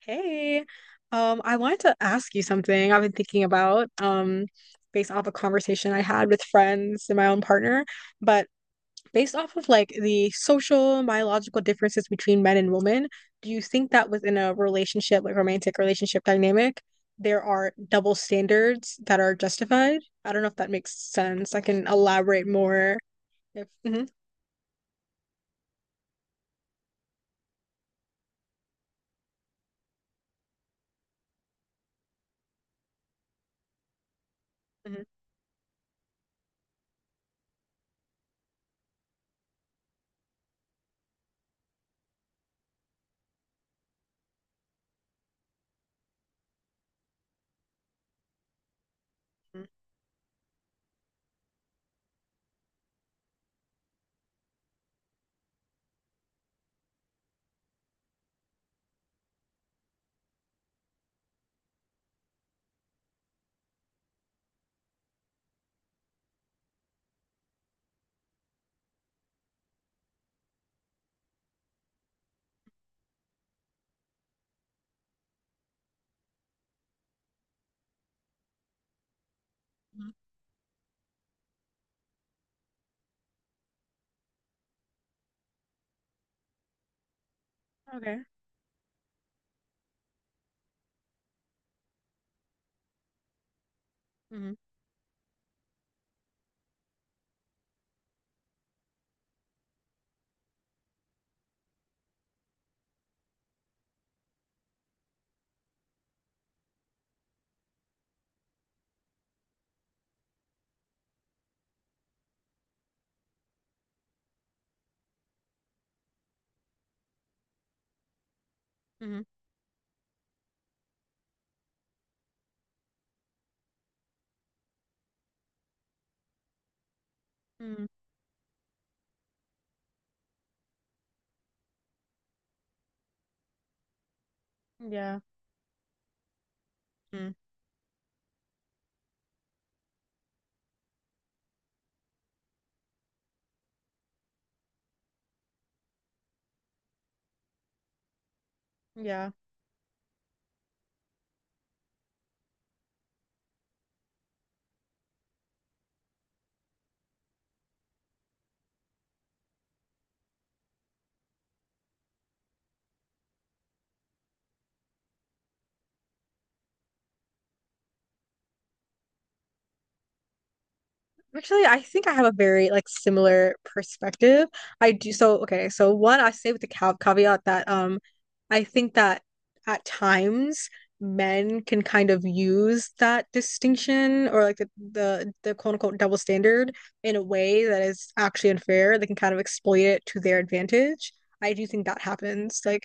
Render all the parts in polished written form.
Hey, I wanted to ask you something I've been thinking about, based off a conversation I had with friends and my own partner, but based off of like the social, biological differences between men and women, do you think that within a relationship, like romantic relationship dynamic, there are double standards that are justified? I don't know if that makes sense. I can elaborate more if. Mhm, mhm, mhm, mhm. Okay. Mm-hmm. Mm-hmm. Mm-hmm. Yeah. Mm. Yeah. Actually, I think I have a very like similar perspective. I do so okay, so one I say with the cav caveat that I think that at times men can kind of use that distinction or like the quote unquote double standard in a way that is actually unfair. They can kind of exploit it to their advantage. I do think that happens. Like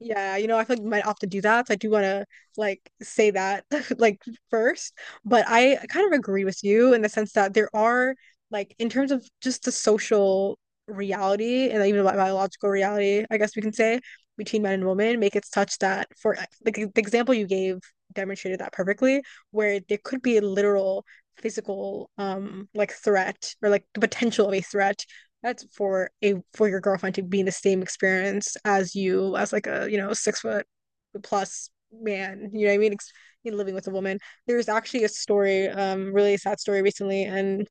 yeah, you know, I feel like you might opt to do that. So I do want to like say that like first, but I kind of agree with you in the sense that there are like in terms of just the social reality and even the biological reality, I guess we can say between men and women, make it such that for like the example you gave demonstrated that perfectly, where there could be a literal physical like threat or like the potential of a threat that's for a for your girlfriend to be in the same experience as you as like a you know 6 foot plus man. You know what I mean? Living with a woman. There's actually a story, really sad story recently in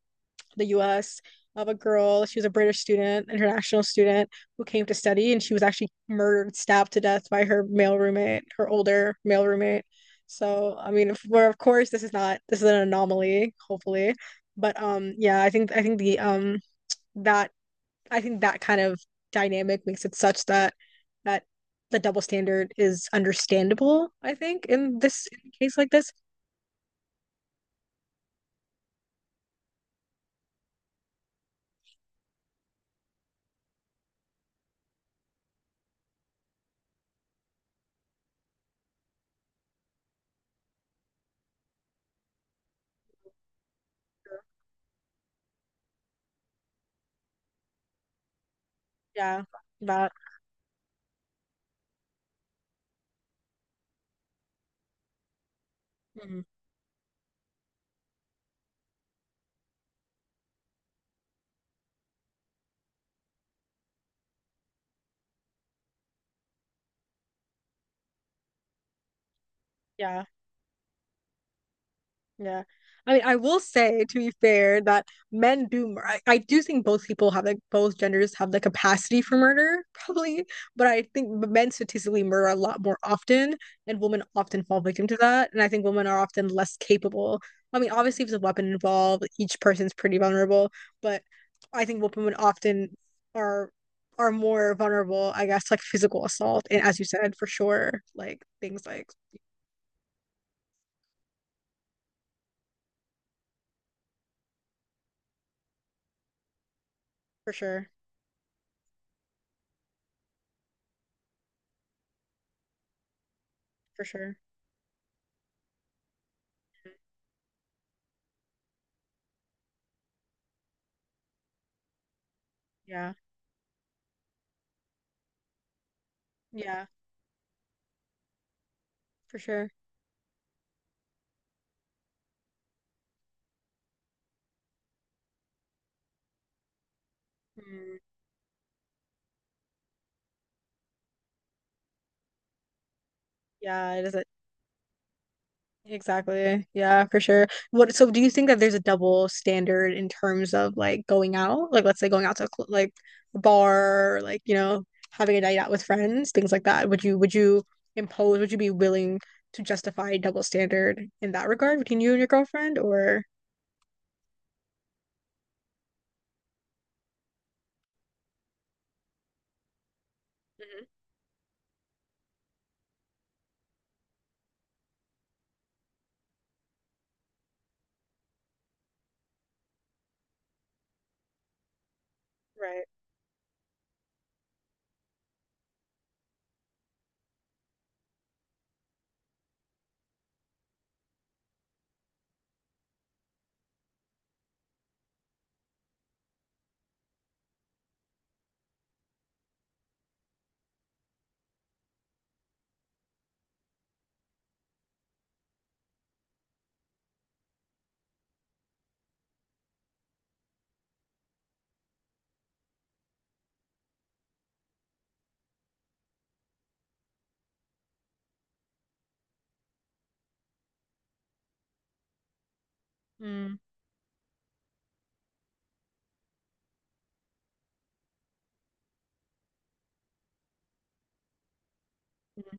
the U.S. of a girl. She was a British student, international student who came to study, and she was actually murdered, stabbed to death by her male roommate, her older male roommate. So I mean, if, we of course this is not this is an anomaly, hopefully, but yeah, I think the that I think that kind of dynamic makes it such that that the double standard is understandable, I think, in a case like this. Yeah, that. Mhm. Yeah. Yeah. I mean, I will say to be fair that I do think both people have like both genders have the capacity for murder, probably, but I think men statistically murder a lot more often and women often fall victim to that. And I think women are often less capable. I mean, obviously if there's a weapon involved, each person's pretty vulnerable, but I think women often are are more vulnerable, I guess, like physical assault and as you said, for sure, like things like for sure, for sure. Yeah. Yeah. For sure. Mm, yeah, it isn't exactly. Yeah, for sure. What, so do you think that there's a double standard in terms of like going out? Like, let's say going out to a like a bar, or, like, you know, having a night out with friends, things like that. Would you impose, would you be willing to justify a double standard in that regard between you and your girlfriend or? Mhm. Right. Mm, mm,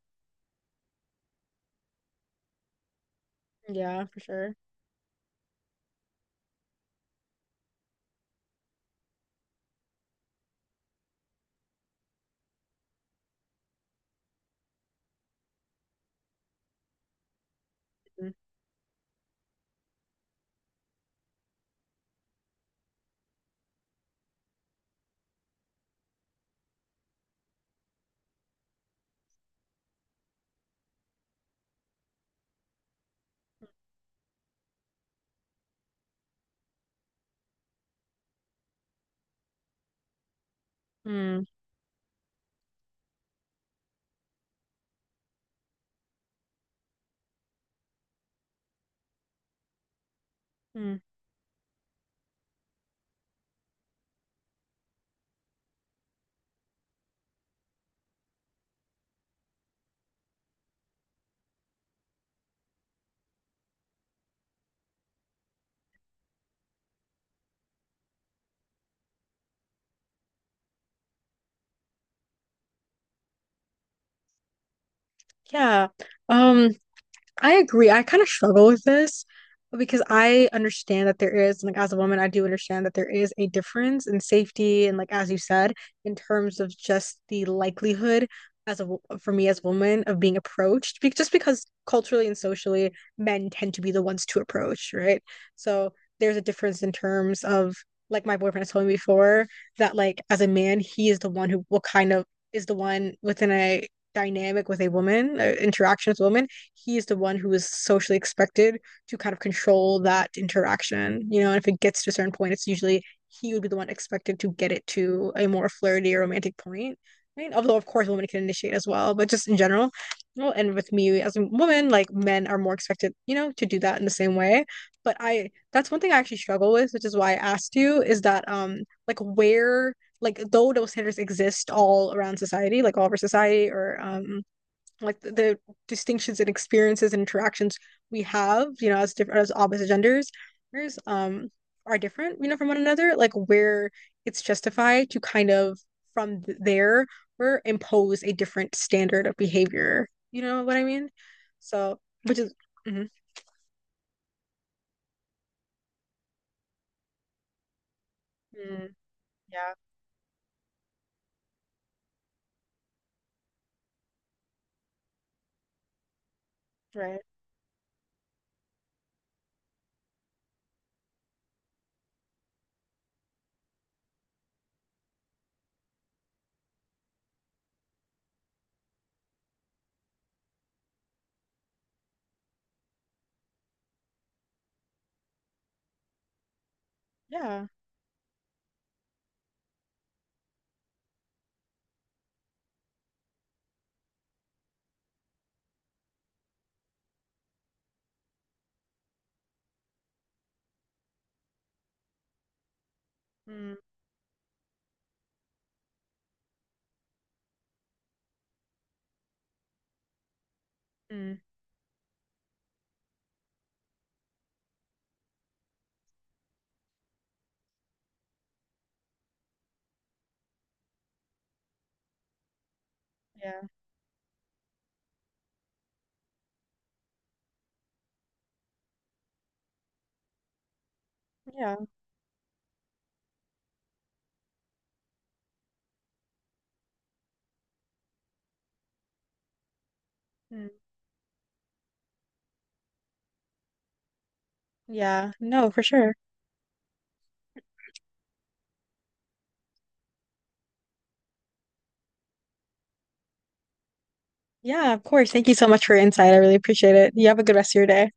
yeah, for sure. Mm, mm, mm. Yeah. Um, I agree. I kind of struggle with this because I understand that there is, like, as a woman, I do understand that there is a difference in safety and, like, as you said, in terms of just the likelihood as a for me as a woman of being approached, be just because culturally and socially, men tend to be the ones to approach, right? So there's a difference in terms of, like, my boyfriend has told me before that, like, as a man, he is the one who will kind of is the one within a dynamic with a woman, interaction with a woman he is the one who is socially expected to kind of control that interaction, you know, and if it gets to a certain point it's usually he would be the one expected to get it to a more flirty or romantic point. I mean, although of course women can initiate as well, but just in general, well, and with me as a woman, like men are more expected, you know, to do that in the same way. But I, that's one thing I actually struggle with, which is why I asked you, is that like where, like though those standards exist all around society, like all over society, or like the distinctions and experiences and interactions we have, you know, as different as opposite genders, um, are different, you know, from one another. Like where it's justified to kind of from th- there or impose a different standard of behavior. You know what I mean? So, which is, mhm. Mm, yeah, right. Yeah. Mm, mm, yeah. Yeah. Mm, yeah. No, for sure. Yeah, of course. Thank you so much for your insight. I really appreciate it. You have a good rest of your day.